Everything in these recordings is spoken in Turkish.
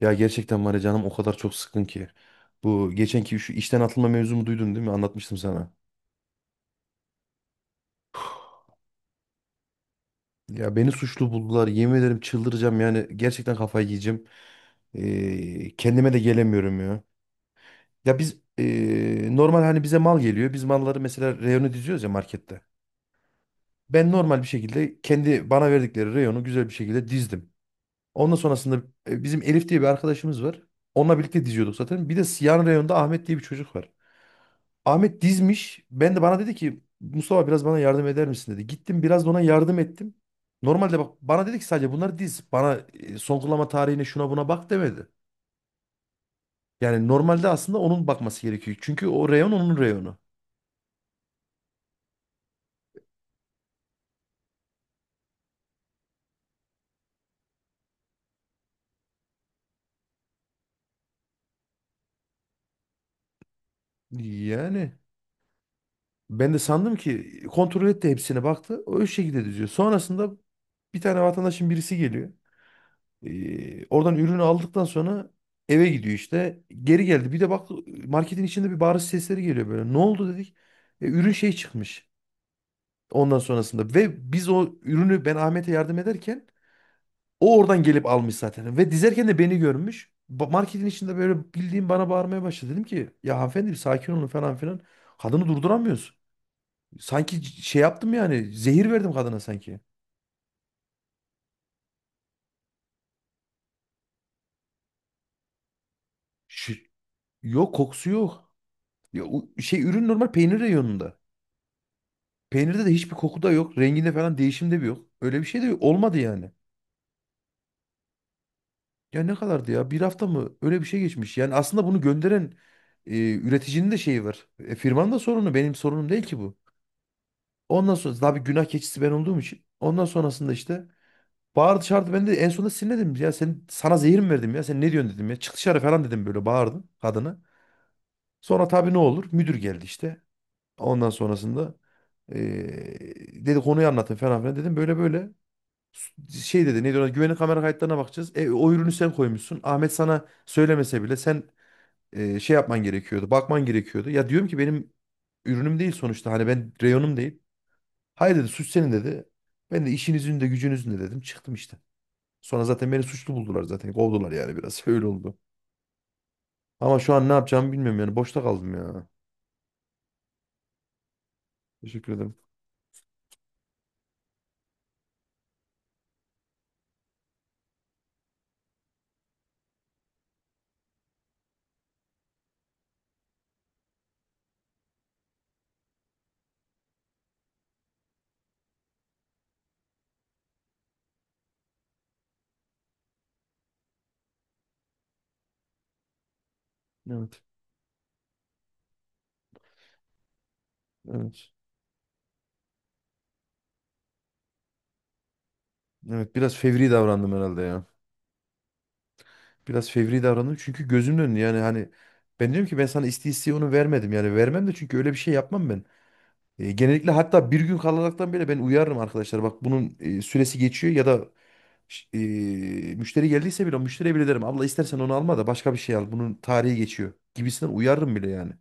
Ya gerçekten var ya canım o kadar çok sıkın ki. Bu geçenki şu işten atılma mevzumu duydun değil mi? Anlatmıştım sana. Ya beni suçlu buldular. Yemin ederim çıldıracağım yani. Gerçekten kafayı yiyeceğim. Kendime de gelemiyorum ya. Ya biz normal hani bize mal geliyor. Biz malları mesela reyonu diziyoruz ya markette. Ben normal bir şekilde kendi bana verdikleri reyonu güzel bir şekilde dizdim. Ondan sonrasında bizim Elif diye bir arkadaşımız var. Onunla birlikte diziyorduk zaten. Bir de yan reyonda Ahmet diye bir çocuk var. Ahmet dizmiş. Ben de bana dedi ki Mustafa biraz bana yardım eder misin dedi. Gittim biraz da ona yardım ettim. Normalde bak bana dedi ki sadece bunları diz. Bana son kullanma tarihine şuna buna bak demedi. Yani normalde aslında onun bakması gerekiyor. Çünkü o reyon onun reyonu. Yani ben de sandım ki kontrol etti hepsine baktı. O şekilde diziyor. Sonrasında bir tane vatandaşın birisi geliyor. Oradan ürünü aldıktan sonra eve gidiyor işte. Geri geldi. Bir de bak marketin içinde bir bağırış sesleri geliyor böyle. Ne oldu dedik. Ürün şey çıkmış. Ondan sonrasında ve biz o ürünü ben Ahmet'e yardım ederken o oradan gelip almış zaten. Ve dizerken de beni görmüş. Marketin içinde böyle bildiğim bana bağırmaya başladı. Dedim ki ya hanımefendi bir sakin olun falan filan. Kadını durduramıyoruz. Sanki şey yaptım yani zehir verdim kadına sanki. Şu- yok kokusu yok. Ya, şey ürün normal peynir reyonunda. Peynirde de hiçbir koku da yok. Renginde falan değişim de bir yok. Öyle bir şey de yok. Olmadı yani. Ya ne kadardı ya? Bir hafta mı? Öyle bir şey geçmiş. Yani aslında bunu gönderen üreticinin de şeyi var. E, firmanın da sorunu. Benim sorunum değil ki bu. Ondan sonra tabii günah keçisi ben olduğum için. Ondan sonrasında işte bağırdı çağırdı. Ben de en sonunda sinirlendim. Ya sana zehir mi verdim ya? Sen ne diyorsun dedim ya. Çık dışarı falan dedim böyle bağırdım kadına. Sonra tabii ne olur? Müdür geldi işte. Ondan sonrasında e, dedi konuyu anlatın falan filan dedim. Böyle böyle. Şey dedi neydi ona güvenlik kamera kayıtlarına bakacağız. E, o ürünü sen koymuşsun. Ahmet sana söylemese bile sen şey yapman gerekiyordu. Bakman gerekiyordu. Ya diyorum ki benim ürünüm değil sonuçta. Hani ben reyonum değil. Hayır dedi suç senin dedi. Ben de işinizin de gücünüzün de dedim. Çıktım işte. Sonra zaten beni suçlu buldular zaten. Kovdular yani biraz. Öyle oldu. Ama şu an ne yapacağımı bilmiyorum yani. Boşta kaldım ya. Teşekkür ederim. Evet. Evet. Evet, biraz fevri davrandım herhalde ya. Biraz fevri davrandım çünkü gözümün önünde yani hani ben diyorum ki ben sana isteye isteye onu vermedim yani vermem de çünkü öyle bir şey yapmam ben. Genellikle hatta bir gün kalaraktan bile ben uyarırım arkadaşlar bak bunun süresi geçiyor ya da ş- e, müşteri geldiyse bile müşteriye bile derim abla istersen onu alma da başka bir şey al bunun tarihi geçiyor gibisinden uyarırım bile yani.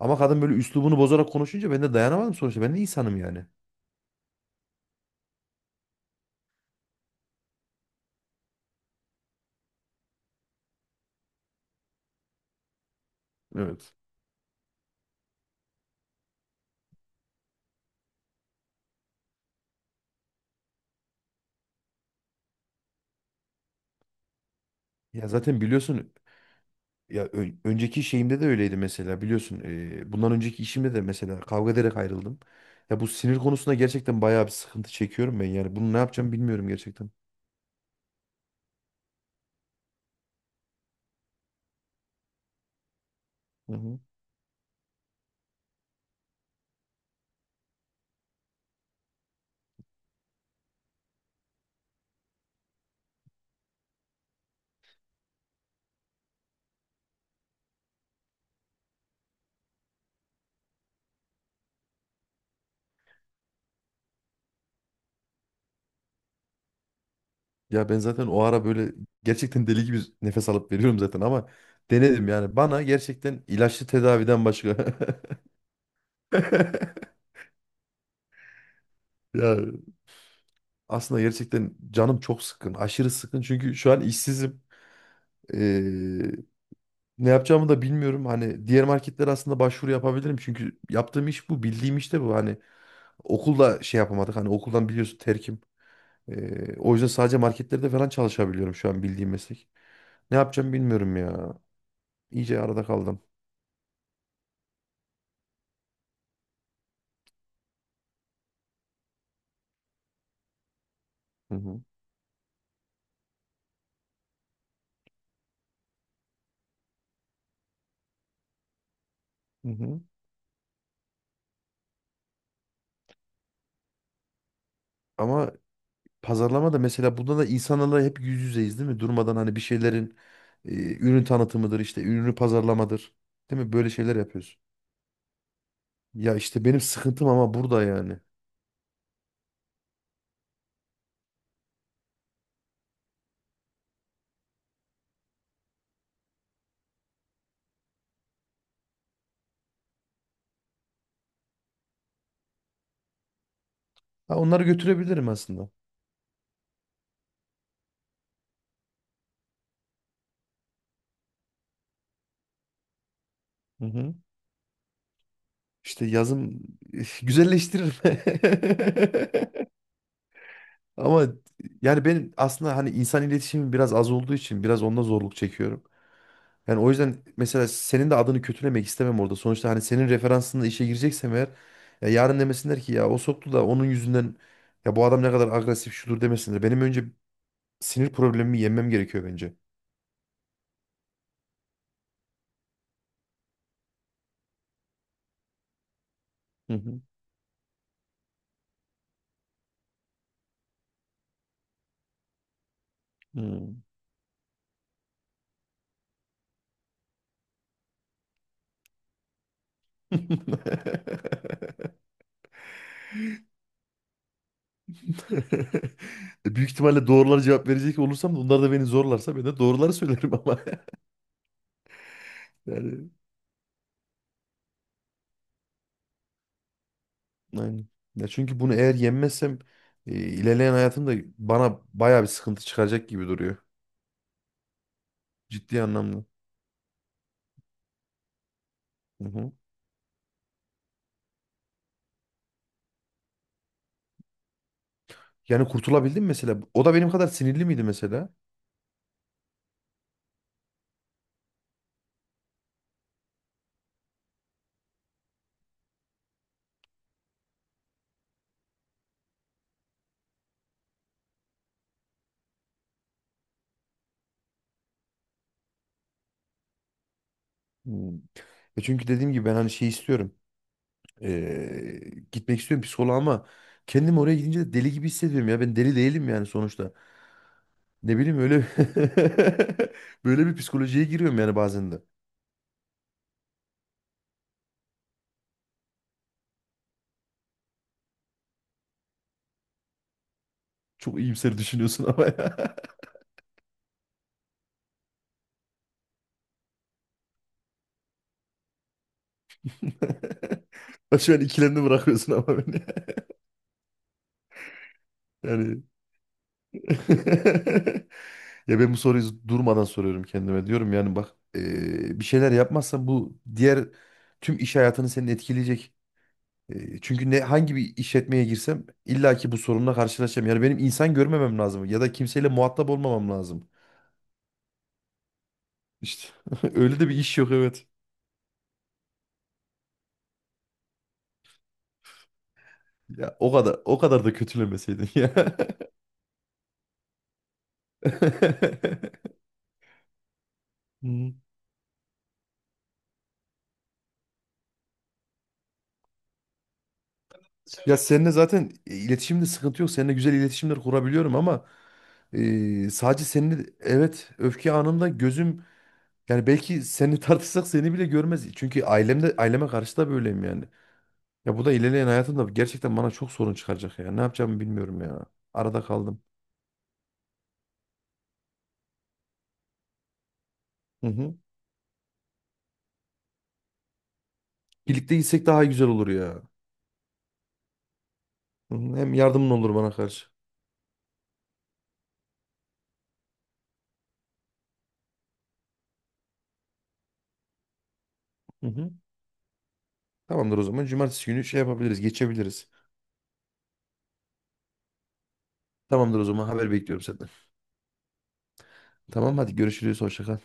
Ama kadın böyle üslubunu bozarak konuşunca ben de dayanamadım sonuçta ben de insanım yani. Evet. Ya zaten biliyorsun. Ya önceki şeyimde de öyleydi mesela biliyorsun. Bundan önceki işimde de mesela kavga ederek ayrıldım. Ya bu sinir konusunda gerçekten bayağı bir sıkıntı çekiyorum ben yani. Bunu ne yapacağım bilmiyorum gerçekten. Hı hı. Ya ben zaten o ara böyle gerçekten deli gibi nefes alıp veriyorum zaten ama denedim yani. Bana gerçekten ilaçlı tedaviden başka. Ya aslında gerçekten canım çok sıkkın. Aşırı sıkkın çünkü şu an işsizim. Ne yapacağımı da bilmiyorum. Hani diğer marketlere aslında başvuru yapabilirim. Çünkü yaptığım iş bu. Bildiğim iş de bu. Hani okulda şey yapamadık. Hani okuldan biliyorsun terkim. O yüzden sadece marketlerde falan çalışabiliyorum şu an bildiğim meslek. Ne yapacağım bilmiyorum ya. İyice arada kaldım. Hı hı. Hı hı. Ama pazarlama da mesela bunda da insanlarla hep yüz yüzeyiz değil mi? Durmadan hani bir şeylerin e, ürün tanıtımıdır işte ürünü pazarlamadır. Değil mi? Böyle şeyler yapıyoruz. Ya işte benim sıkıntım ama burada yani. Ha, onları götürebilirim aslında. Hı hı. İşte yazım güzelleştirir. Ama yani benim aslında hani insan iletişimim biraz az olduğu için biraz onda zorluk çekiyorum. Yani o yüzden mesela senin de adını kötülemek istemem orada. Sonuçta hani senin referansında işe gireceksem eğer ya yarın demesinler ki ya o soktu da onun yüzünden ya bu adam ne kadar agresif şudur demesinler. Benim önce sinir problemimi yenmem gerekiyor bence. Hı hı. Hı. Büyük ihtimalle doğruları cevap verecek olursam da onlar da beni zorlarsa ben de doğruları söylerim ama. Yani aynen. Ya çünkü bunu eğer yenmezsem ilerleyen hayatımda bana bayağı bir sıkıntı çıkacak gibi duruyor. Ciddi anlamda. Hı hı. Yani kurtulabildim mi mesela. O da benim kadar sinirli miydi mesela? Hmm. E çünkü dediğim gibi ben hani şey istiyorum. E, Gitmek istiyorum psikoloğa ama kendim oraya gidince de deli gibi hissediyorum ya. Ben deli değilim yani sonuçta. Ne bileyim öyle böyle bir psikolojiye giriyorum yani bazen de. Çok iyimser düşünüyorsun ama ya. Şu an ikilemde bırakıyorsun ama beni. Yani ya ben bu soruyu durmadan soruyorum kendime. Diyorum yani bak bir şeyler yapmazsan bu diğer tüm iş hayatını senin etkileyecek. Çünkü ne hangi bir işletmeye girsem illa ki bu sorunla karşılaşacağım. Yani benim insan görmemem lazım ya da kimseyle muhatap olmamam lazım. İşte öyle de bir iş yok evet. Ya o kadar o kadar da kötülemeseydin ya. Hmm. Ya seninle zaten iletişimde sıkıntı yok. Seninle güzel iletişimler kurabiliyorum ama sadece seninle evet öfke anımda gözüm yani belki seni tartışsak seni bile görmez. Çünkü ailemde aileme karşı da böyleyim yani. Ya bu da ilerleyen hayatımda gerçekten bana çok sorun çıkaracak ya. Ne yapacağımı bilmiyorum ya. Arada kaldım. Hı hı. Birlikte gitsek daha güzel olur ya. Hı hı. Hem yardımın olur bana karşı. Hı hı. Tamamdır o zaman. Cumartesi günü şey yapabiliriz, geçebiliriz. Tamamdır o zaman haber bekliyorum senden. Tamam hadi görüşürüz hoşça kal.